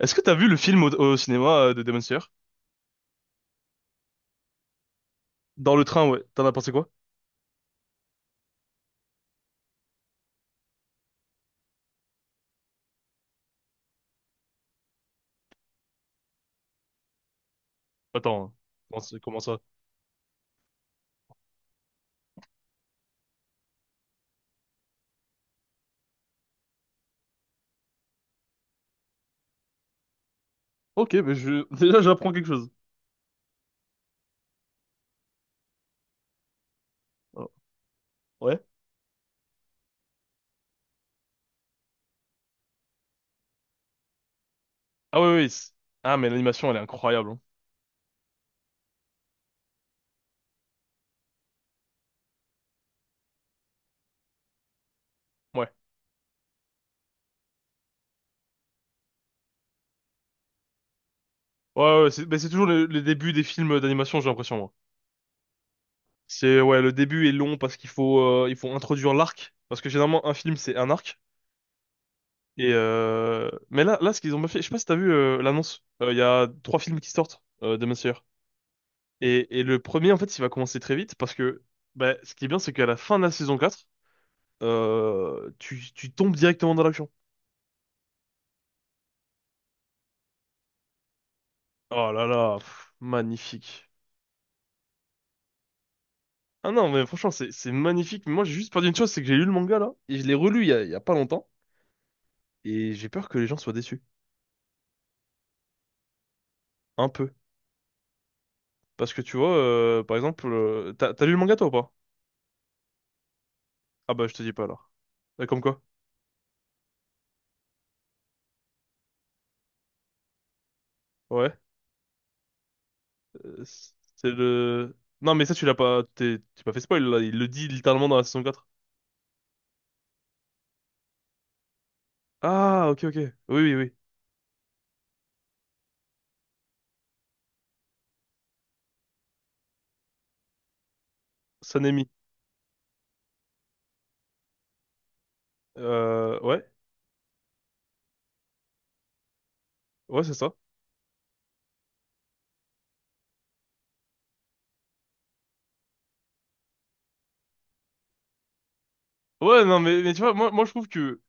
Est-ce que t'as vu le film au cinéma de Demon Slayer? Dans le train, ouais. T'en as pensé quoi? Attends, comment, ça? Comment ça? Ok, mais je... déjà j'apprends quelque chose. Oh. Ouais. Ah oui, oui. C'est- Ah, mais l'animation, elle est incroyable, hein. Ouais. Ouais, ouais, c'est mais c'est toujours le début des films d'animation, j'ai l'impression, moi. C'est, ouais, le début est long parce qu'il faut, il faut introduire l'arc. Parce que généralement, un film, c'est un arc. Et mais là, ce qu'ils ont fait, je sais pas si t'as vu l'annonce. Il y a trois films qui sortent, Demon Slayer. Et le premier, en fait, il va commencer très vite parce que bah, ce qui est bien, c'est qu'à la fin de la saison 4, tu tombes directement dans l'action. Oh là là, pff, magnifique. Ah non, mais franchement, c'est magnifique. Mais moi, j'ai juste peur d'une chose, c'est que j'ai lu le manga là, et je l'ai relu il y a pas longtemps, et j'ai peur que les gens soient déçus. Un peu. Parce que tu vois, par exemple, t'as lu le manga toi ou pas? Ah bah, je te dis pas alors. Comme quoi? Ouais. Euh, c'est le. Non, mais ça, tu l'as pas. T'es pas fait spoil là, il le dit littéralement dans la saison 4. Ah, ok, ok. Oui, oui, oui. Sanemi. Ouais, ouais, c'est ça. Ouais, non, mais tu vois, moi, moi, je trouve que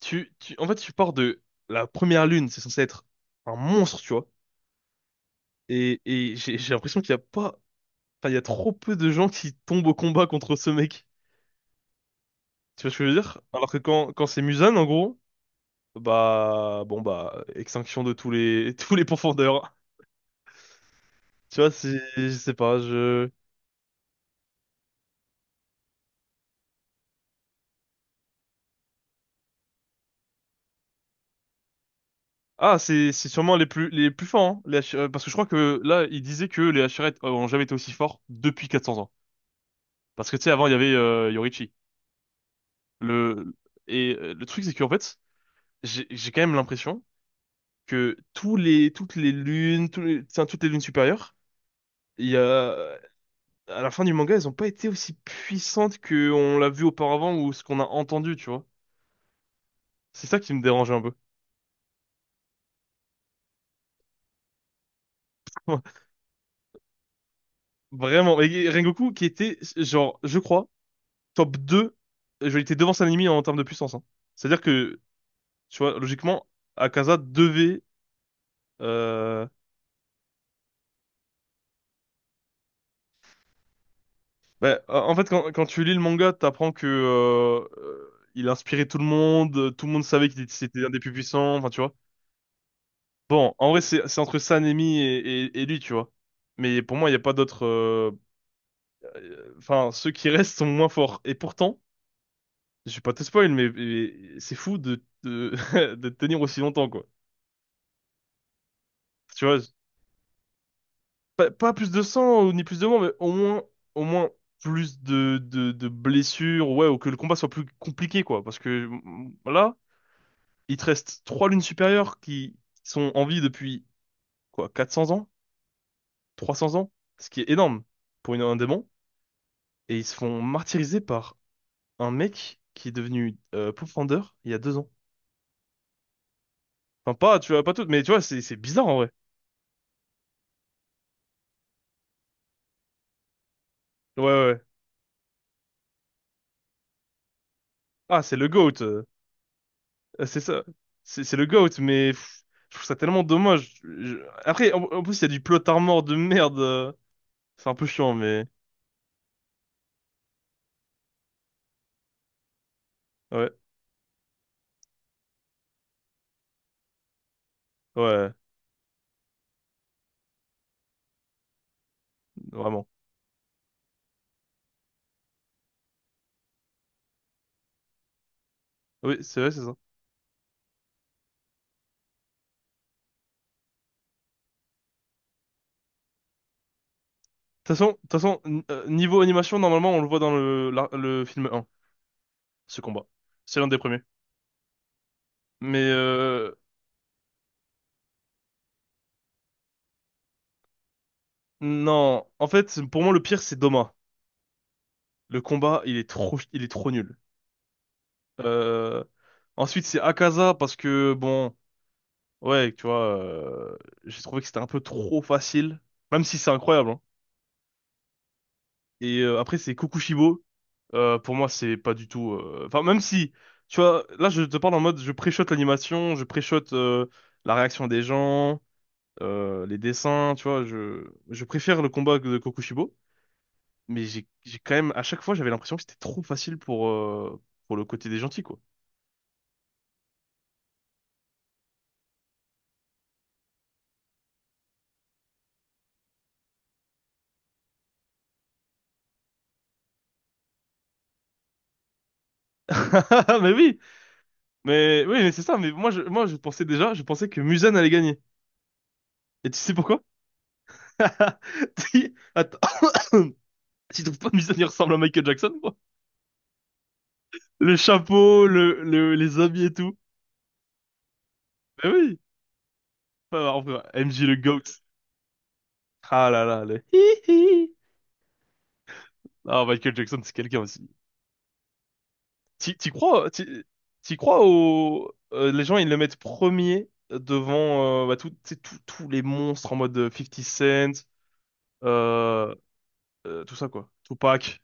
en fait, tu pars de la première lune, c'est censé être un monstre, tu vois. Et j'ai l'impression qu'il y a pas, enfin, il y a trop peu de gens qui tombent au combat contre ce mec. Tu vois ce que je veux dire? Alors que quand, quand c'est Muzan, en gros, bah, bon, bah, extinction de tous les, tous les pourfendeurs. Tu vois, c'est, je sais pas, je. Ah, c'est sûrement les plus forts, hein, les Hashi- parce que je crois que là, il disait que les Hachirettes ont jamais été aussi forts depuis 400 ans. Parce que tu sais, avant, il y avait Yorichi. Le... Et le truc, c'est qu'en fait, j'ai quand même l'impression que tous les, toutes les lunes, tous les- enfin, toutes les lunes supérieures, il y a... à la fin du manga, elles n'ont pas été aussi puissantes qu'on l'a vu auparavant ou ce qu'on a entendu, tu vois. C'est ça qui me dérangeait un peu. Vraiment. Et Rengoku, qui était, genre, je crois, top deux, il était devant Sanemi en termes de puissance, hein. C'est-à-dire que, tu vois, logiquement, Akaza devait... euh, Ben, en fait, quand, quand tu lis le manga, t'apprends que il inspirait tout le monde savait qu'il était c'était un des plus puissants, enfin tu vois. Bon, en vrai, c'est entre Sanemi et lui, tu vois. Mais pour moi, il n'y a pas d'autres. Enfin, ceux qui restent sont moins forts. Et pourtant, je vais pas te spoil, mais c'est fou de, de tenir aussi longtemps, quoi. Tu vois, pas, pas plus de sang ou ni plus de mort, mais au moins plus de blessures, ouais, ou que le combat soit plus compliqué, quoi. Parce que là. Il te reste trois lunes supérieures qui sont en vie depuis quoi, 400 ans, trois cents ans, ce qui est énorme pour une, un démon. Et ils se font martyriser par un mec qui est devenu Pathfinder il y a deux ans. Enfin, pas, tu vois, pas tout, mais tu vois, c'est bizarre en vrai. Ouais, ouais, ouais. Ah, c'est le GOAT. C'est ça. C'est le GOAT, mais pff, je trouve ça tellement dommage. Je- Après, en, en plus, il y a du plot armor de merde. C'est un peu chiant, mais ouais, ouais, vraiment. Oui, c'est vrai, c'est ça. Toute façon, de toute façon, n- niveau animation, normalement, on le voit dans le, la- le film 1, ce combat. C'est l'un des premiers. Mais non, en fait, pour moi, le pire, c'est Doma. Le combat, il est trop nul. Euh, ensuite, c'est Akaza, parce que, bon, ouais, tu vois, j'ai trouvé que c'était un peu trop facile, même si c'est incroyable, hein. Et après, c'est Kokushibo. Pour moi, c'est pas du tout... Enfin, même si, tu vois, là, je te parle en mode, je préchote l'animation, je préchote la réaction des gens. Les dessins, tu vois, je préfère le combat de Kokushibo, mais j'ai quand même, à chaque fois, j'avais l'impression que c'était trop facile pour le côté des gentils, quoi. Mais oui, mais oui, mais c'est ça, mais moi, je pensais déjà, je pensais que Muzan allait gagner. Et tu sais pourquoi? Si- Attends. Tu trouves pas Muzan, il ressemble à Michael Jackson, quoi? Le chapeau, le- les habits et tout. Mais oui, enfin, enfin, MJ le GOAT. Ah là là, le hi hi. Ah, Michael Jackson, c'est quelqu'un aussi. T'y crois, t'y crois au... les gens, ils le mettent premier devant bah, tout- tu sais, tout- tous les monstres en mode 50 Cent, euh, tout ça, quoi. Tupac.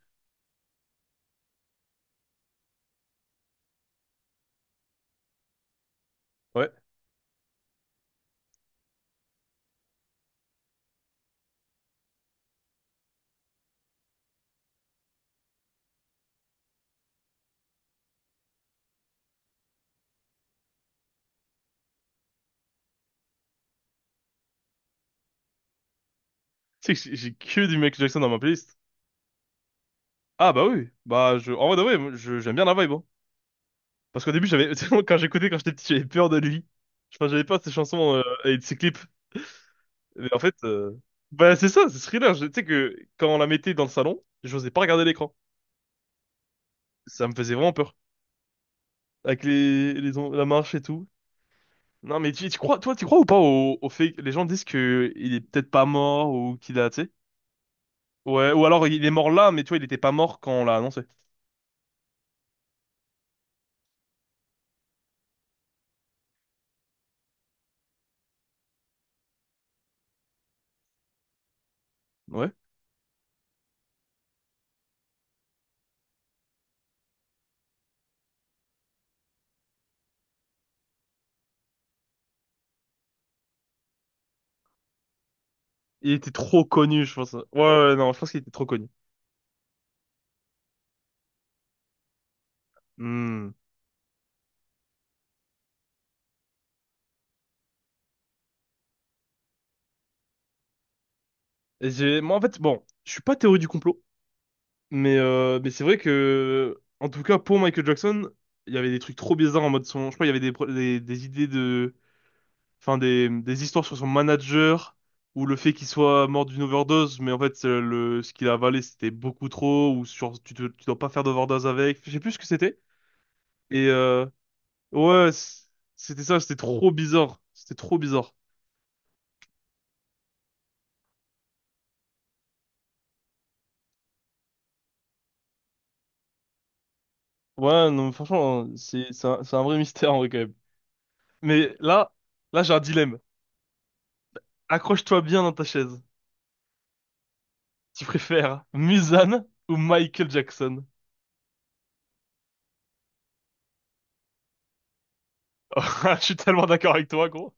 Ouais. Tu sais que j'ai que du Michael Jackson dans ma playlist. Ah bah oui. Bah, je... En vrai, ouais, je... j'aime bien la vibe, hein. Parce qu'au début, j'avais... quand j'écoutais, quand j'étais petit, j'avais peur de lui. Enfin, j'avais peur de ses chansons et de ses clips. Mais en fait... Bah, c'est ça, c'est Thriller. Je- Tu sais que quand on la mettait dans le salon, j'osais pas regarder l'écran. Ça me faisait vraiment peur. Avec les on- la marche et tout. Non, mais tu crois, toi, tu crois ou pas au fait que les gens disent que il est peut-être pas mort ou qu'il a, tu sais? Ouais, ou alors il est mort là, mais tu vois, il était pas mort quand on l'a annoncé. Ouais. Il était trop connu, je pense. Ouais, ouais, non, je pense qu'il était trop connu. Hmm. Et j'ai, moi, en fait, bon, je suis pas théorie du complot, mais c'est vrai que, en tout cas, pour Michael Jackson, il y avait des trucs trop bizarres en mode son, je crois, il y avait des, pro- des idées de, enfin des histoires sur son manager ou le fait qu'il soit mort d'une overdose, mais en fait le ce qu'il a avalé c'était beaucoup trop ou sur tu, te- tu dois pas faire d'overdose avec, je sais plus ce que c'était. Et ouais, c- c'était ça, c'était trop bizarre, c'était trop bizarre. Ouais, non, franchement, c'est un vrai mystère en vrai quand même. Mais là, là j'ai un dilemme. Accroche-toi bien dans ta chaise. Tu préfères Mulan ou Michael Jackson? Je suis tellement d'accord avec toi, gros.